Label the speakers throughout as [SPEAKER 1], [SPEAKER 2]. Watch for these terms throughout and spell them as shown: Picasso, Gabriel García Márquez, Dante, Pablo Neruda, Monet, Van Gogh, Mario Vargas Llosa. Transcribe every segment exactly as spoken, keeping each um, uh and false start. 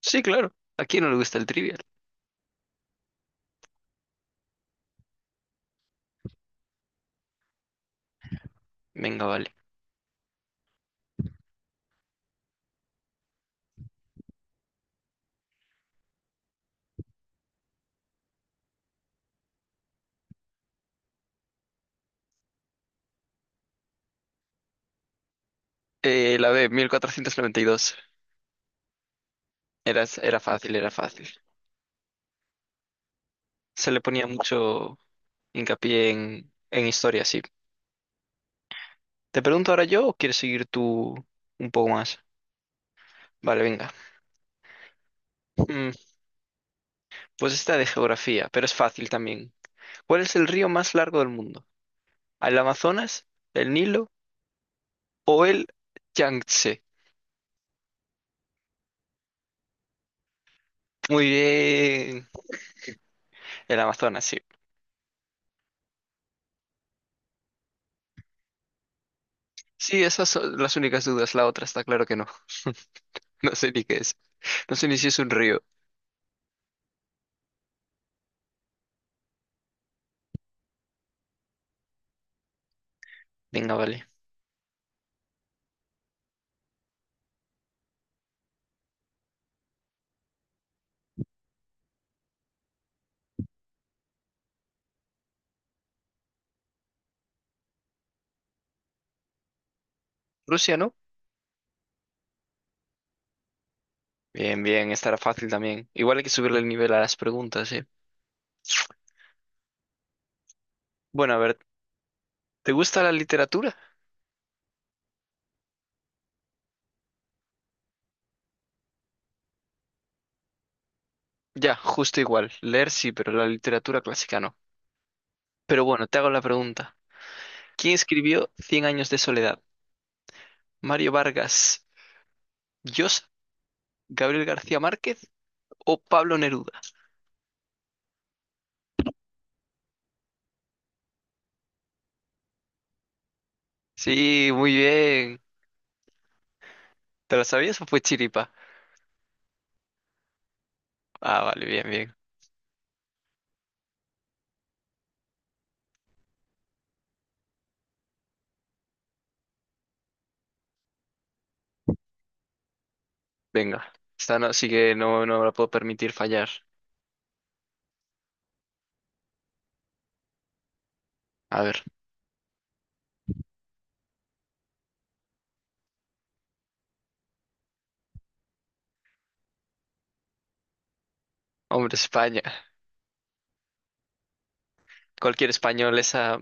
[SPEAKER 1] Sí, claro. ¿A quién no le gusta el trivial? Venga, vale. Eh, la B, mil cuatrocientos noventa y dos. Era, era fácil, era fácil. Se le ponía mucho hincapié en, en historia, sí. ¿Te pregunto ahora yo o quieres seguir tú un poco más? Vale, venga. Mm, pues esta de geografía, pero es fácil también. ¿Cuál es el río más largo del mundo? ¿El Amazonas, el Nilo o el Yangtze? Muy bien. El Amazonas, sí. Sí, esas son las únicas dudas. La otra está claro que no. No sé ni qué es. No sé ni si es un río. Venga, vale. Rusia, ¿no? Bien, bien, estará fácil también. Igual hay que subirle el nivel a las preguntas, ¿eh? Bueno, a ver, ¿te gusta la literatura? Ya, justo igual. Leer sí, pero la literatura clásica no. Pero bueno, te hago la pregunta. ¿Quién escribió Cien años de soledad? ¿Mario Vargas Llosa, Gabriel García Márquez o Pablo Neruda? Sí, muy bien. ¿Te lo sabías o fue chiripa? Ah, vale, bien, bien. Venga. Esta no, sí que no, no me la puedo permitir fallar. A ver, hombre, España. Cualquier español, esa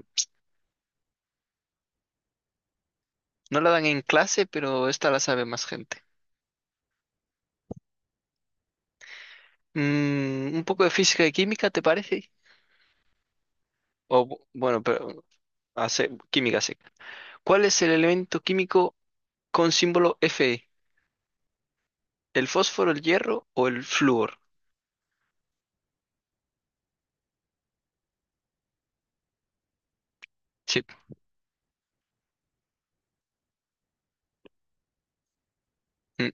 [SPEAKER 1] no la dan en clase, pero esta la sabe más gente. Mm, un poco de física y química, ¿te parece? O bu- bueno, pero hace química sí. ¿Cuál es el elemento químico con símbolo Fe? ¿El fósforo, el hierro o el flúor? Sí. Mm,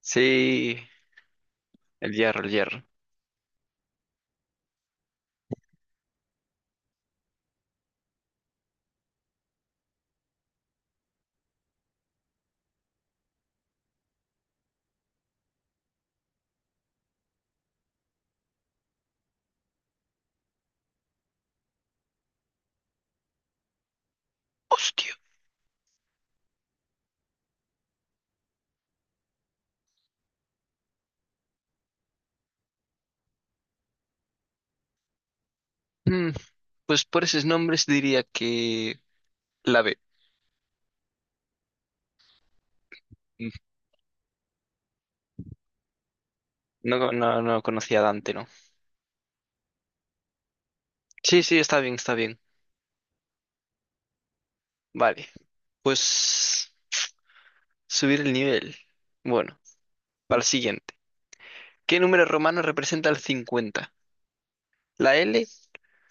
[SPEAKER 1] sí, el hierro, el hierro. Hostia. Mm, pues por esos nombres diría que la B. Mm, No, no, no conocía a Dante, ¿no? Sí, sí, está bien, está bien. Vale. Pues subir el nivel. Bueno. Para el siguiente. ¿Qué número romano representa el cincuenta? ¿La L,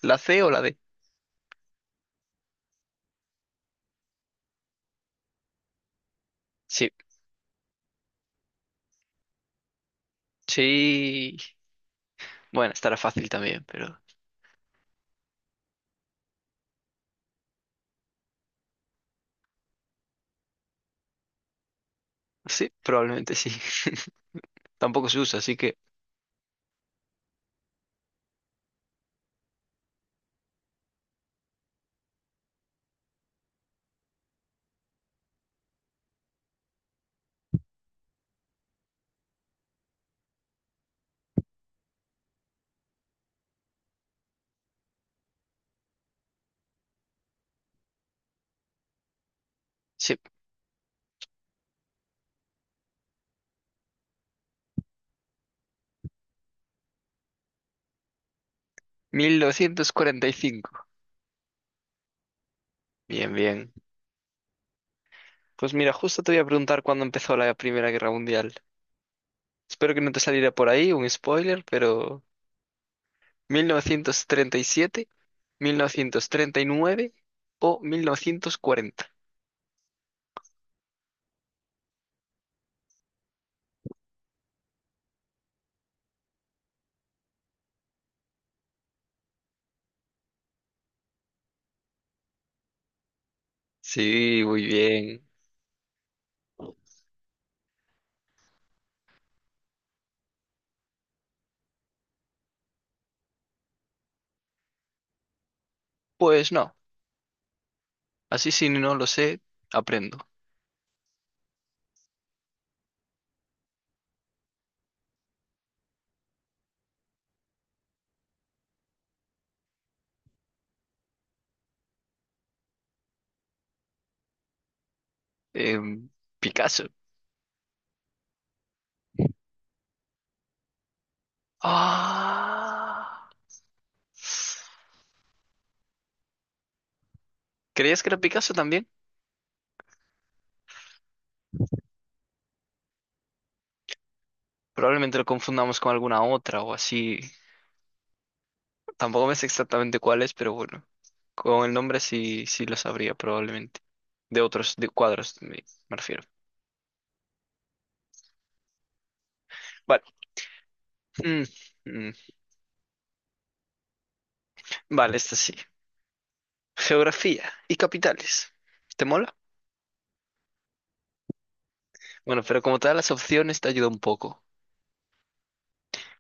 [SPEAKER 1] la C o la D? Sí, sí. Bueno, estará fácil también, pero sí, probablemente sí. Tampoco se usa, así que sí. mil novecientos cuarenta y cinco. Bien, bien. Pues mira, justo te voy a preguntar cuándo empezó la Primera Guerra Mundial. Espero que no te saliera por ahí un spoiler, pero mil novecientos treinta y siete, mil novecientos treinta y nueve o mil novecientos cuarenta. Sí, muy bien. Pues no. Así si no lo sé, aprendo. Em, Picasso. Ah. ¿Creías que era Picasso también? Probablemente lo confundamos con alguna otra o así. Tampoco me sé exactamente cuál es, pero bueno. Con el nombre sí, sí lo sabría probablemente. De otros de cuadros me, me refiero. Vale. Mm, mm. Vale, esta sí. Geografía y capitales. ¿Te mola? Bueno, pero como te da las opciones te ayuda un poco.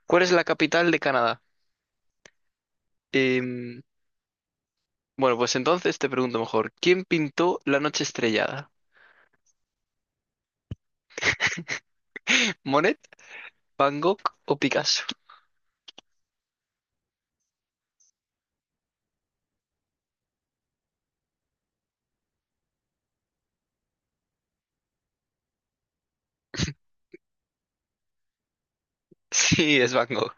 [SPEAKER 1] ¿Cuál es la capital de Canadá? Em, Bueno, pues entonces te pregunto mejor, ¿quién pintó La noche estrellada? ¿Monet, Van Gogh o Picasso? Sí, es Van Gogh.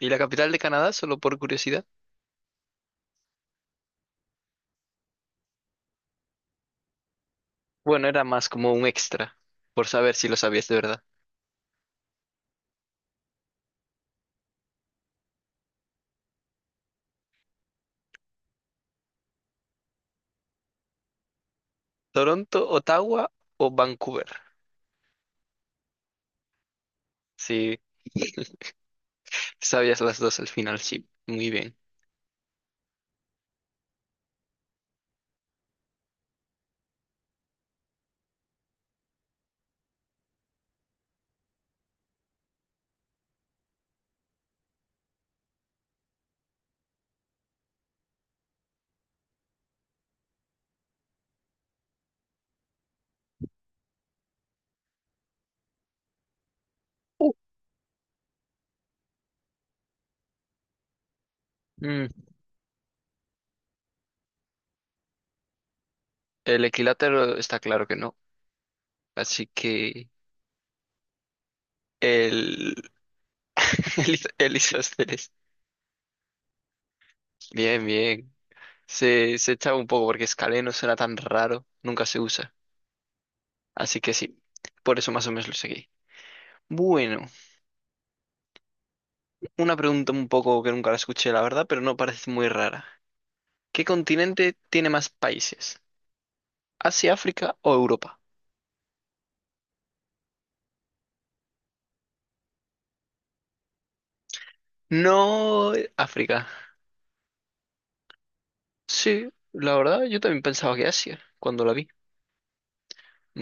[SPEAKER 1] ¿Y la capital de Canadá, solo por curiosidad? Bueno, era más como un extra, por saber si lo sabías de verdad. ¿Toronto, Ottawa o Vancouver? Sí, sabías las dos al final, sí. Muy bien. Uh. Mm, el equilátero está claro que no, así que el, el, is- el isósceles. Bien, bien. Se, se echaba un poco porque Scaleno será tan raro, nunca se usa. Así que sí, por eso más o menos lo seguí. Bueno, una pregunta un poco que nunca la escuché, la verdad, pero no parece muy rara. ¿Qué continente tiene más países? ¿Asia, África o Europa? No, eh, África. Sí, la verdad, yo también pensaba que Asia cuando la vi.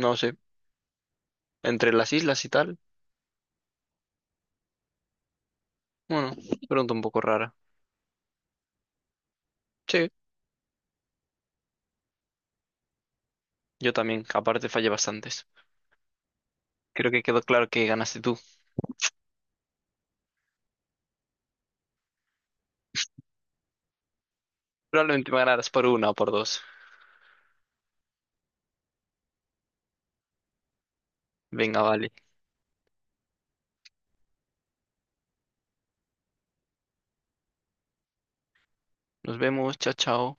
[SPEAKER 1] No sé, entre las islas y tal. Bueno, pregunta un poco rara. Sí, yo también, aparte fallé bastantes. Creo que quedó claro que ganaste tú. Probablemente me ganarás por una o por dos. Venga, vale. Nos vemos. Chao, chao.